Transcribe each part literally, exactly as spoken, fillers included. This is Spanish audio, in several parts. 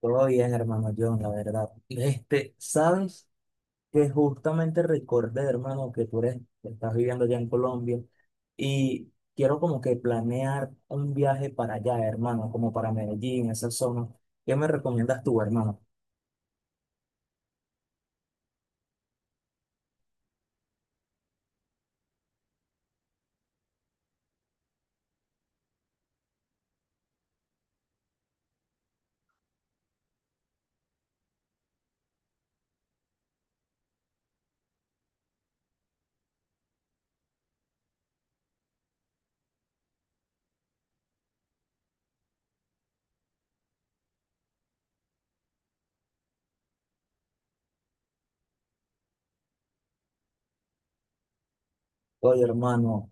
Todo bien, hermano John, la verdad. Este, sabes que justamente recordé, hermano, que tú eres, que estás viviendo allá en Colombia y quiero como que planear un viaje para allá, hermano, como para Medellín, esa zona. ¿Qué me recomiendas tú, hermano? Oye, hermano,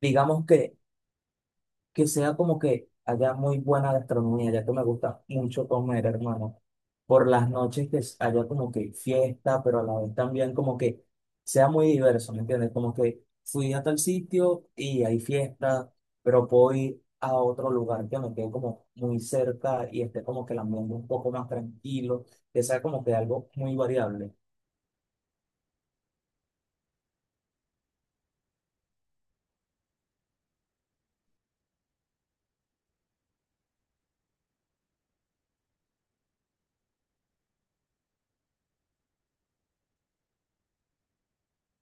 digamos que que sea como que haya muy buena gastronomía, ya que me gusta mucho comer, hermano. Por las noches que s- haya como que fiesta, pero a la vez también como que sea muy diverso, ¿me entiendes? Como que fui a tal sitio y hay fiesta, pero puedo ir a otro lugar que me quede como muy cerca y esté como que el ambiente un poco más tranquilo, que sea como que algo muy variable.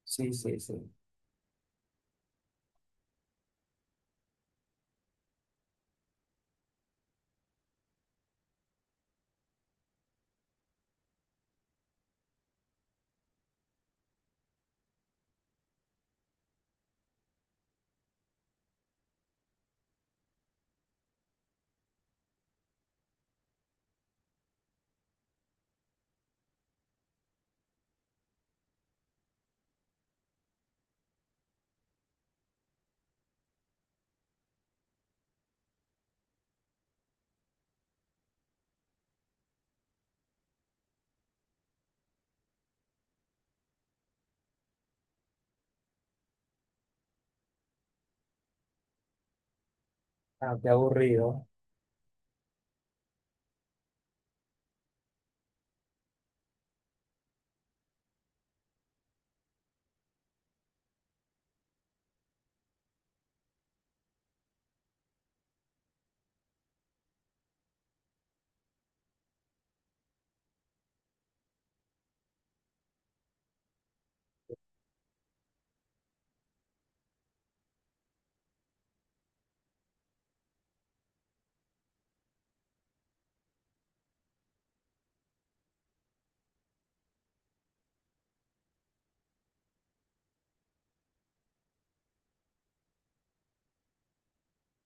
Sí, sí, sí. Ah, qué aburrido.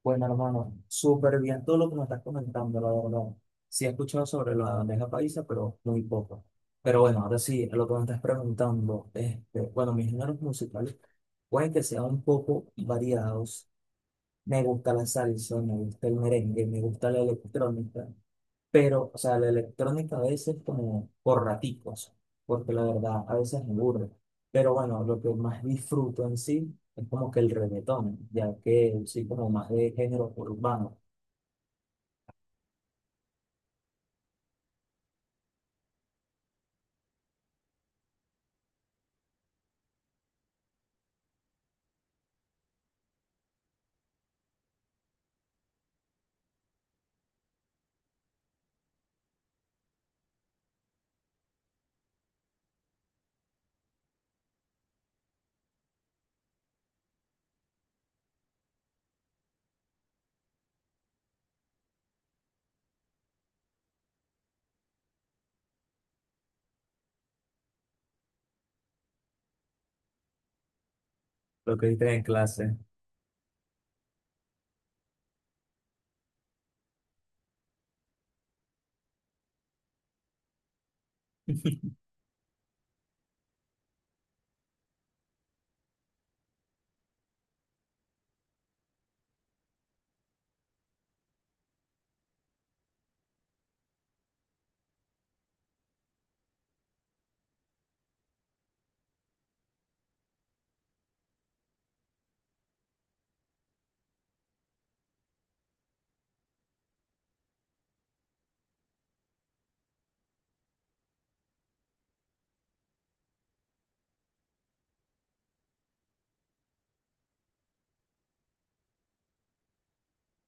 Bueno, hermano, súper bien todo lo que me estás comentando, la verdad. Sí he escuchado sobre la bandeja paisa, pero muy poco. Pero bueno, ahora sí, lo que me estás preguntando, este, bueno, mis géneros musicales pueden que sean un poco variados. Me gusta la salsa, me gusta el merengue, me gusta la electrónica, pero, o sea, la electrónica a veces como por raticos, porque la verdad a veces me aburre. Pero bueno, lo que más disfruto en sí es como que el reggaetón, ya que sí como más de género urbano, lo que viste en clase.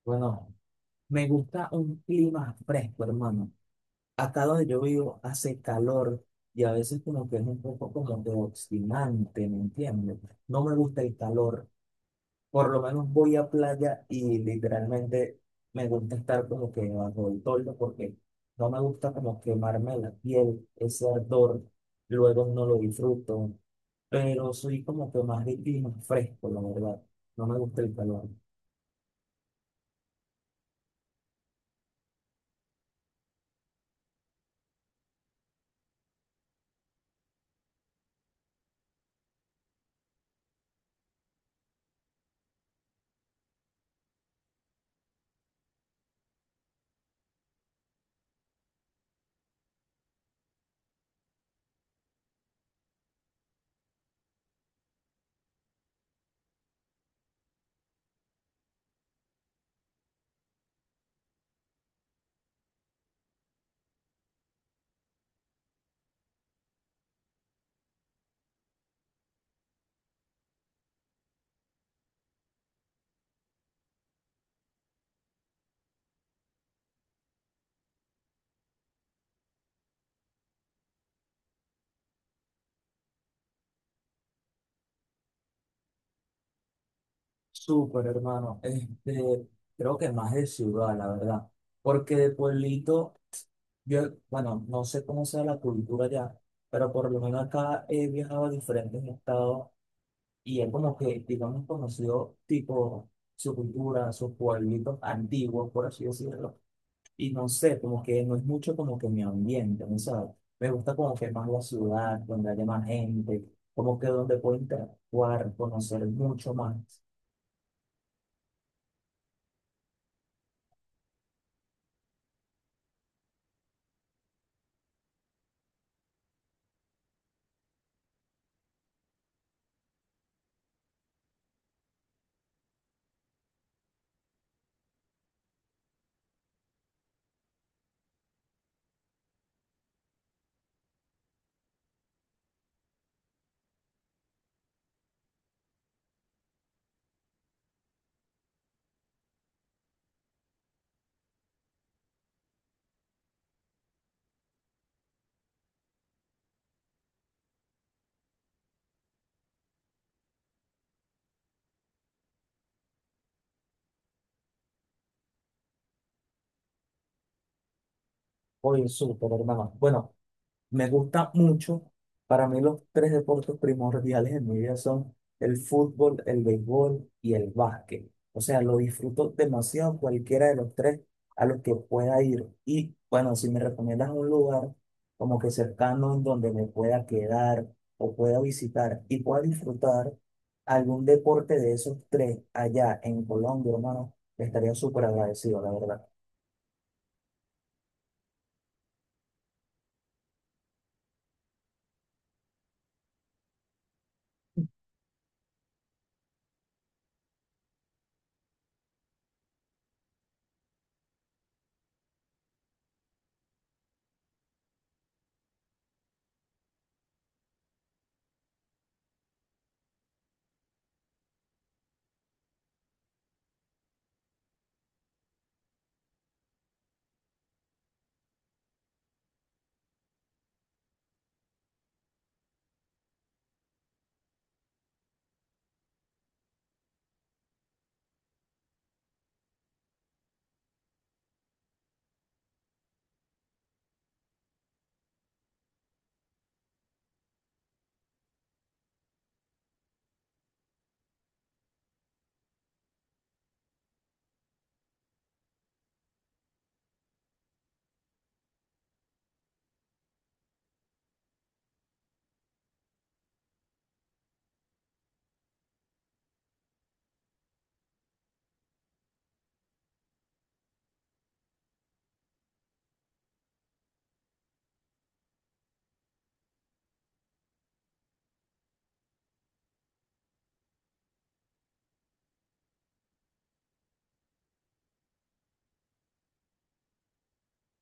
Bueno, me gusta un clima fresco, hermano. Acá donde yo vivo hace calor y a veces como que es un poco como de obstinante, ¿me entiendes? No me gusta el calor. Por lo menos voy a playa y literalmente me gusta estar como que bajo el toldo porque no me gusta como quemarme la piel, ese ardor, luego no lo disfruto, pero soy como que más de clima fresco, la verdad. No me gusta el calor. Súper, hermano. Este, creo que más de ciudad, la verdad. Porque de pueblito, yo, bueno, no sé cómo sea la cultura allá, pero por lo menos acá he viajado a diferentes estados. Y es como que, digamos, conoció tipo su cultura, sus pueblitos antiguos, por así decirlo. Y no sé, como que no es mucho como que mi ambiente, ¿no sabes? Me gusta como que más la ciudad, donde haya más gente, como que donde puedo interactuar, conocer mucho más. Oye, súper, hermano. Bueno, me gusta mucho. Para mí los tres deportes primordiales en mi vida son el fútbol, el béisbol y el básquet. O sea, lo disfruto demasiado cualquiera de los tres a los que pueda ir. Y bueno, si me recomiendas un lugar como que cercano en donde me pueda quedar o pueda visitar y pueda disfrutar algún deporte de esos tres allá en Colombia, hermano, estaría súper agradecido, la verdad.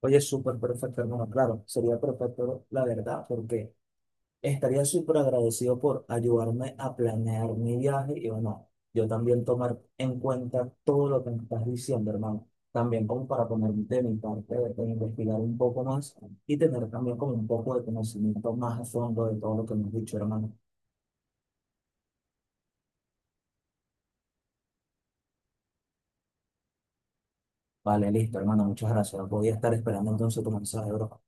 Oye, súper perfecto, hermano. Claro, sería perfecto, la verdad, porque... Estaría súper agradecido por ayudarme a planear mi viaje y bueno, yo también tomar en cuenta todo lo que me estás diciendo, hermano. También como para poner de mi parte, de investigar un poco más y tener también como un poco de conocimiento más a fondo de todo lo que me has dicho, hermano. Vale, listo, hermano, muchas gracias. Voy a estar esperando entonces tu mensaje, bro.